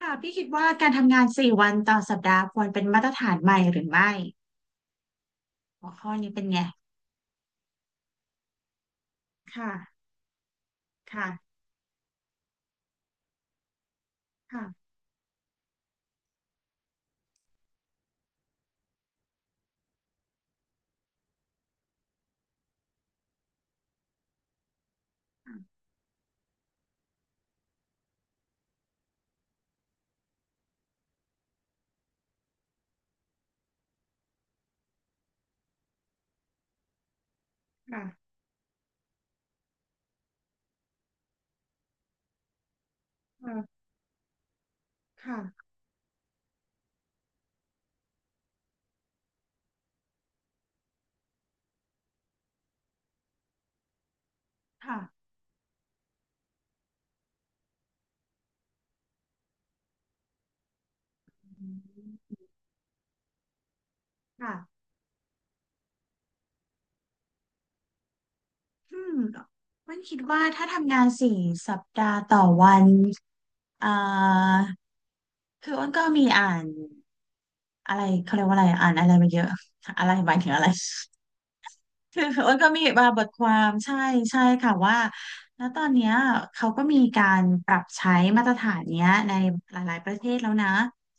ค่ะพี่คิดว่าการทำงาน4 วันต่อสัปดาห์ควรเป็นมาตรฐานใหม่หรือไม่หัวข้อนี้เป็นไงค่ะค่ะค่ะค่ะค่ะค่ะค่ะอืมค่ะอืมมันคิดว่าถ้าทำงาน4 สัปดาห์ต่อวันอ่าคืออ้นก็มีอ่านอะไรเขาเรียกว่าอะไรอ่านอะไรมาเยอะอะไรหมายถึงอะไร คืออ้นก็มีมาบทความใช่ใช่ค่ะว่าแล้วตอนเนี้ยเขาก็มีการปรับใช้มาตรฐานเนี้ยในหลายๆประเทศแล้วนะ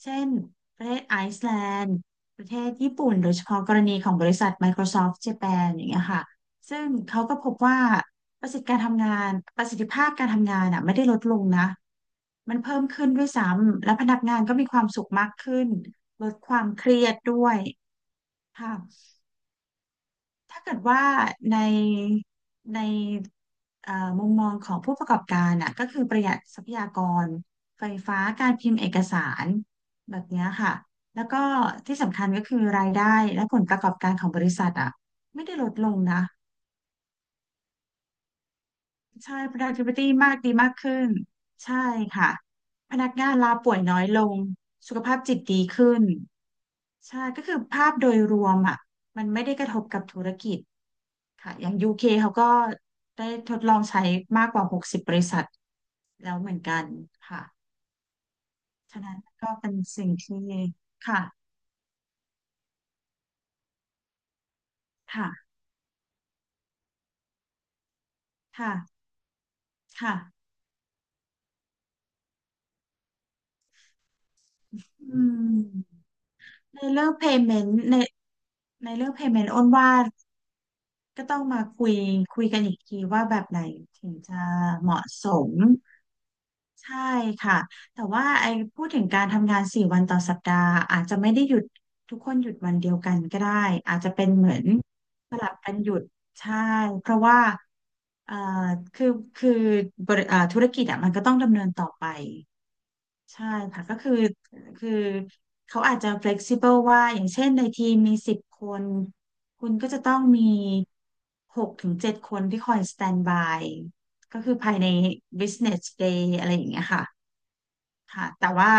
เช่นประเทศไอซ์แลนด์ประเทศญี่ปุ่นโดยเฉพาะกรณีของบริษัท Microsoft Japan อย่างเงี้ยค่ะซึ่งเขาก็พบว่าประสิทธิการทำงานประสิทธิภาพการทำงานอ่ะไม่ได้ลดลงนะมันเพิ่มขึ้นด้วยซ้ำและพนักงานก็มีความสุขมากขึ้นลดความเครียดด้วยค่ะ ถ้าเกิดว่าในในเอ่อมุมมองของผู้ประกอบการอ่ะก็คือประหยัดทรัพยากรไฟฟ้าการพิมพ์เอกสารแบบเนี้ยค่ะแล้วก็ที่สำคัญก็คือรายได้และผลประกอบการของบริษัทอ่ะไม่ได้ลดลงนะ ใช่ productivity มากดีมากขึ้นใช่ค่ะพนักงานลาป่วยน้อยลงสุขภาพจิตดีขึ้นใช่ก็คือภาพโดยรวมอ่ะมันไม่ได้กระทบกับธุรกิจค่ะอย่าง UK เคเขาก็ได้ทดลองใช้มากกว่า60บริษัทแล้วเหมือนกันค่ะฉะนั้นก็เป็นสิ่งที่ค่ะค่ะค่ะค่ะอืมในเรื่อง payment ในในเรื่อง payment อ้นว่า ก็ต้องมาคุยกันอีกทีว่าแบบไหนถึงจะเหมาะสมใช่ค่ะแต่ว่าไอ้พูดถึงการทำงานสี่วันต่อสัปดาห์อาจจะไม่ได้หยุดทุกคนหยุดวันเดียวกันก็ได้อาจจะเป็นเหมือนสลับกันหยุดใช่เพราะว่าเอ่อคือคือบริเอ่อธุรกิจอ่ะมันก็ต้องดำเนินต่อไป ใช่ค่ะก็คือคือเขาอาจจะ flexible ว่าอย่างเช่นในทีมมี10 คนคุณก็จะต้องมี6 ถึง 7 คนที่คอย stand by ก็คือภายใน business day อะไรอย่างเงี้ยค่ะค่ะแต่ว่า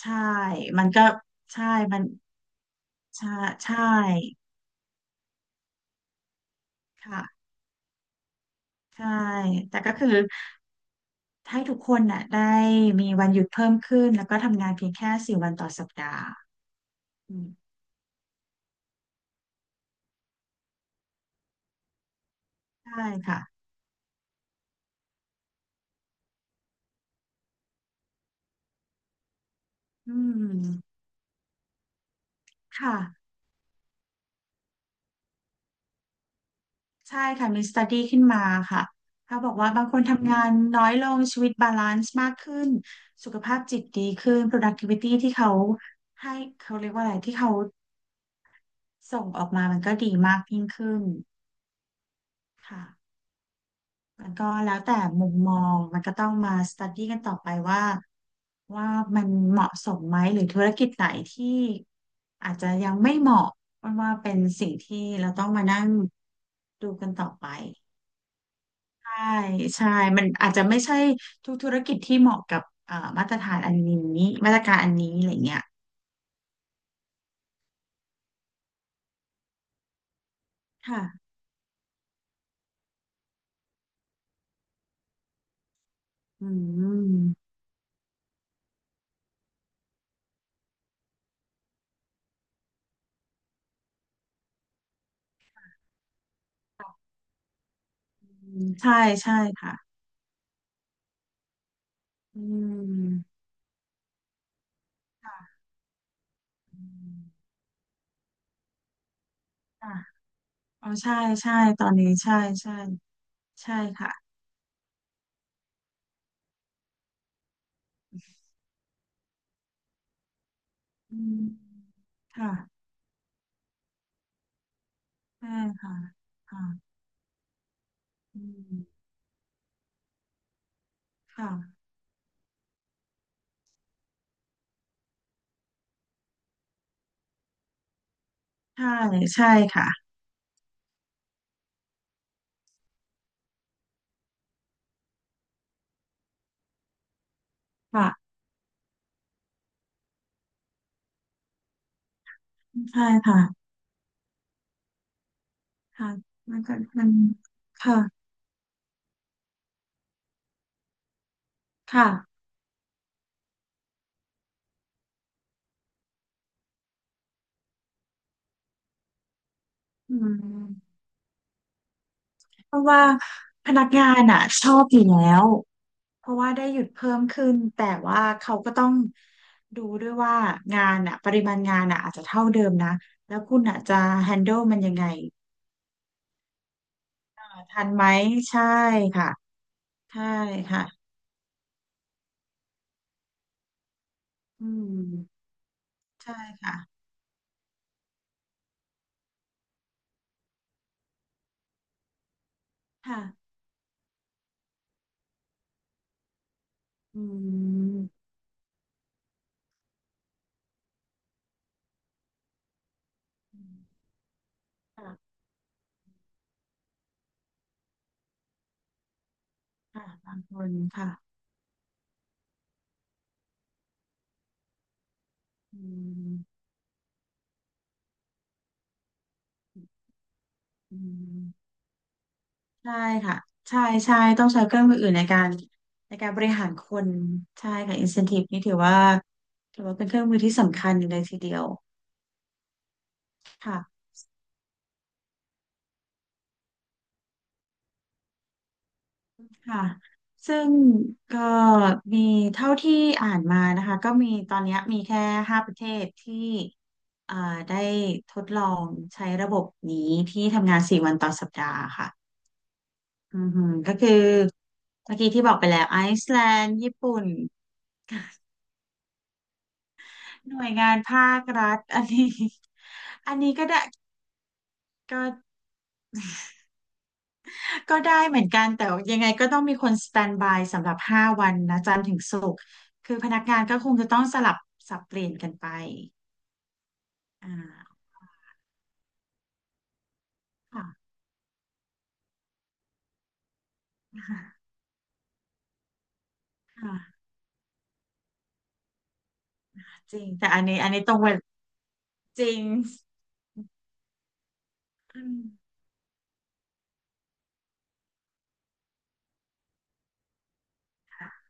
ใช่ มันก็ใช่ มันใช่ใช่ค่ะใช่แต่ก็คือให้ทุกคนน่ะได้มีวันหยุดเพิ่มขึ้นแล้วก็ทำงานเพียงแค่สี่วันต่อสัปดาห์อืมใช่ค่ะอืมค่ะ ใช่ค่ะมีสต u d ีขึ้นมาค่ะถ้าบอกว่าบางคนทำงานน้อยลงชีวิตบาลานซ์มากขึ้นสุขภาพจิตดีขึ้น productivity ที่เขาให้เขาเรียกว่าอะไรที่เขาส่งออกมามันก็ดีมากยิ่งขึ้นค่ะมันก็แล้วแต่มุมมองมันก็ต้องมาสต u d ีกันต่อไปว่าว่ามันเหมาะสมไหมหรือธุรกิจไหนที่อาจจะยังไม่เหมาะเพราะว่าเป็นสิ่งที่เราต้องมานั่งดูกันต่อไป ใช่ใช่มันอาจจะไม่ใช่ทุกธุรกิจที่เหมาะกับมาตรฐานอันนี้มาตรการอันนี้อะไรเงี้ยค่ะอืมอืมใช่ใช่ค่ะอืมค่ะอืมค่ะอ๋อใช่ใช่ตอนนี้ใช่ใช่ใช่ค่ะอืมค่ะใช่ค่ะค่ะอืมค่ะใช่ใช่ค่ะค่ะใช่ค่ะค่ะมันก็มันค่ะค่ะอืม เพราะว่าพนักงานอ่ะชอบอยู่แล้วเพราะว่าได้หยุดเพิ่มขึ้นแต่ว่าเขาก็ต้องดูด้วยว่างานอ่ะปริมาณงานอ่ะอาจจะเท่าเดิมนะแล้วคุณอ่ะจะแฮน n d l ลมันยังไงทันไหมใช่ค่ะใช่ค่ะอืมใช่ค่ะค่ะอืมค่ะค่ะบางคนค่ะอืมอืม ใช่ค่ะใช่ใช่ต้องใช้เครื่องมืออื่นในการในการบริหารคนใช่ค่ะ incentive นี่ถือว่าถือว่าเป็นเครื่องมือที่สำคัญเลยทีเดียวค่ะค่ะซึ่งก็มีเท่าที่อ่านมานะคะก็มีตอนเนี้ยมีแค่5 ประเทศที่อ่าได้ทดลองใช้ระบบนี้ที่ทำงานสี่วันต่อสัปดาห์ค่ะอือหือก็คือเมื่อกี้ที่บอกไปแล้วไอซ์แลนด์ญี่ปุ่น หน่วยงานภาครัฐ อันนี้ อันนี้ก็ได้ก็ก็ได้เหมือนกันแต่ยังไงก็ต้องมีคนสแตนบายสำหรับ5 วันนะจันทร์ถึงศุกร์คือพนักงานก็คงจะต้องสลับสับเปลี่ยนกันไปอ่าค่ะค่ะค่ะจริงแต่อันนี้อันนี้ตรงเวลาจริงอืมค่ะ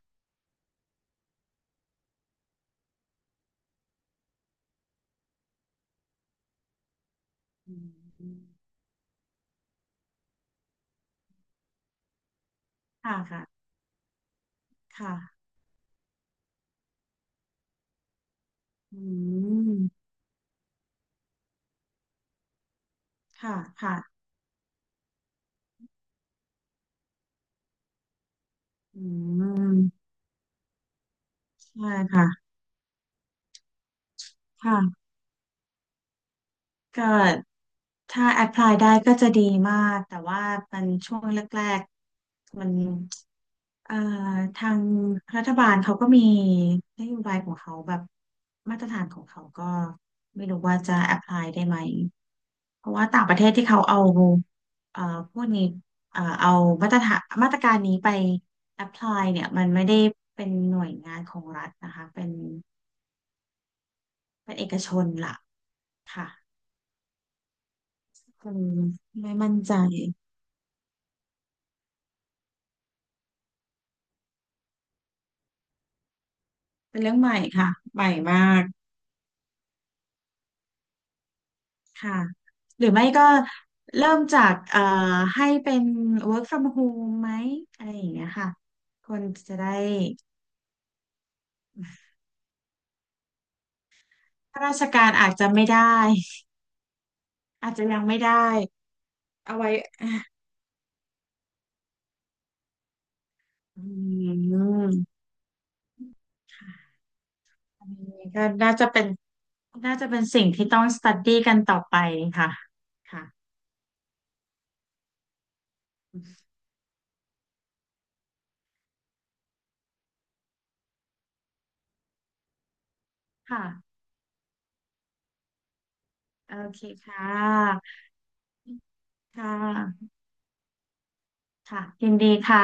อืมค่ะค่ะค่ะอืมค่ะค่ะอืมใช่ค่ะค่ะ ก็ถ้าแอพพลายได้ก็จะดีมากแต่ว่ามันช่วงแรกๆมันเอ่อทางรัฐบาลเขาก็มีนโยบายของเขาแบบมาตรฐานของเขาก็ไม่รู้ว่าจะแอพพลายได้ไหมเพราะว่าต่างประเทศที่เขาเอาเอ่อพวกนี้เอามาตรฐานมาตรการนี้ไปแอพพลายเนี่ยมันไม่ได้เป็นหน่วยงานของรัฐนะคะเป็นเป็นเอกชนล่ะค่ะคงไม่มั่นใจ เป็นเรื่องใหม่ค่ะใหม่มากค่ะหรือไม่ก็เริ่มจากให้เป็น work from home ไหมอะไรอย่างเงี้ยค่ะคนจะได้ข้าราชการอาจจะไม่ได้อาจจะยังไม่ได้เอาไว้อืมค่ะอันนี้ก็น่าจะเป็นน่าจะเป็นสิ่งที่ต้อง study กันต่อไปค่ะค่ะค่ะโอเคค่ะค่ะค่ะยินดีค่ะ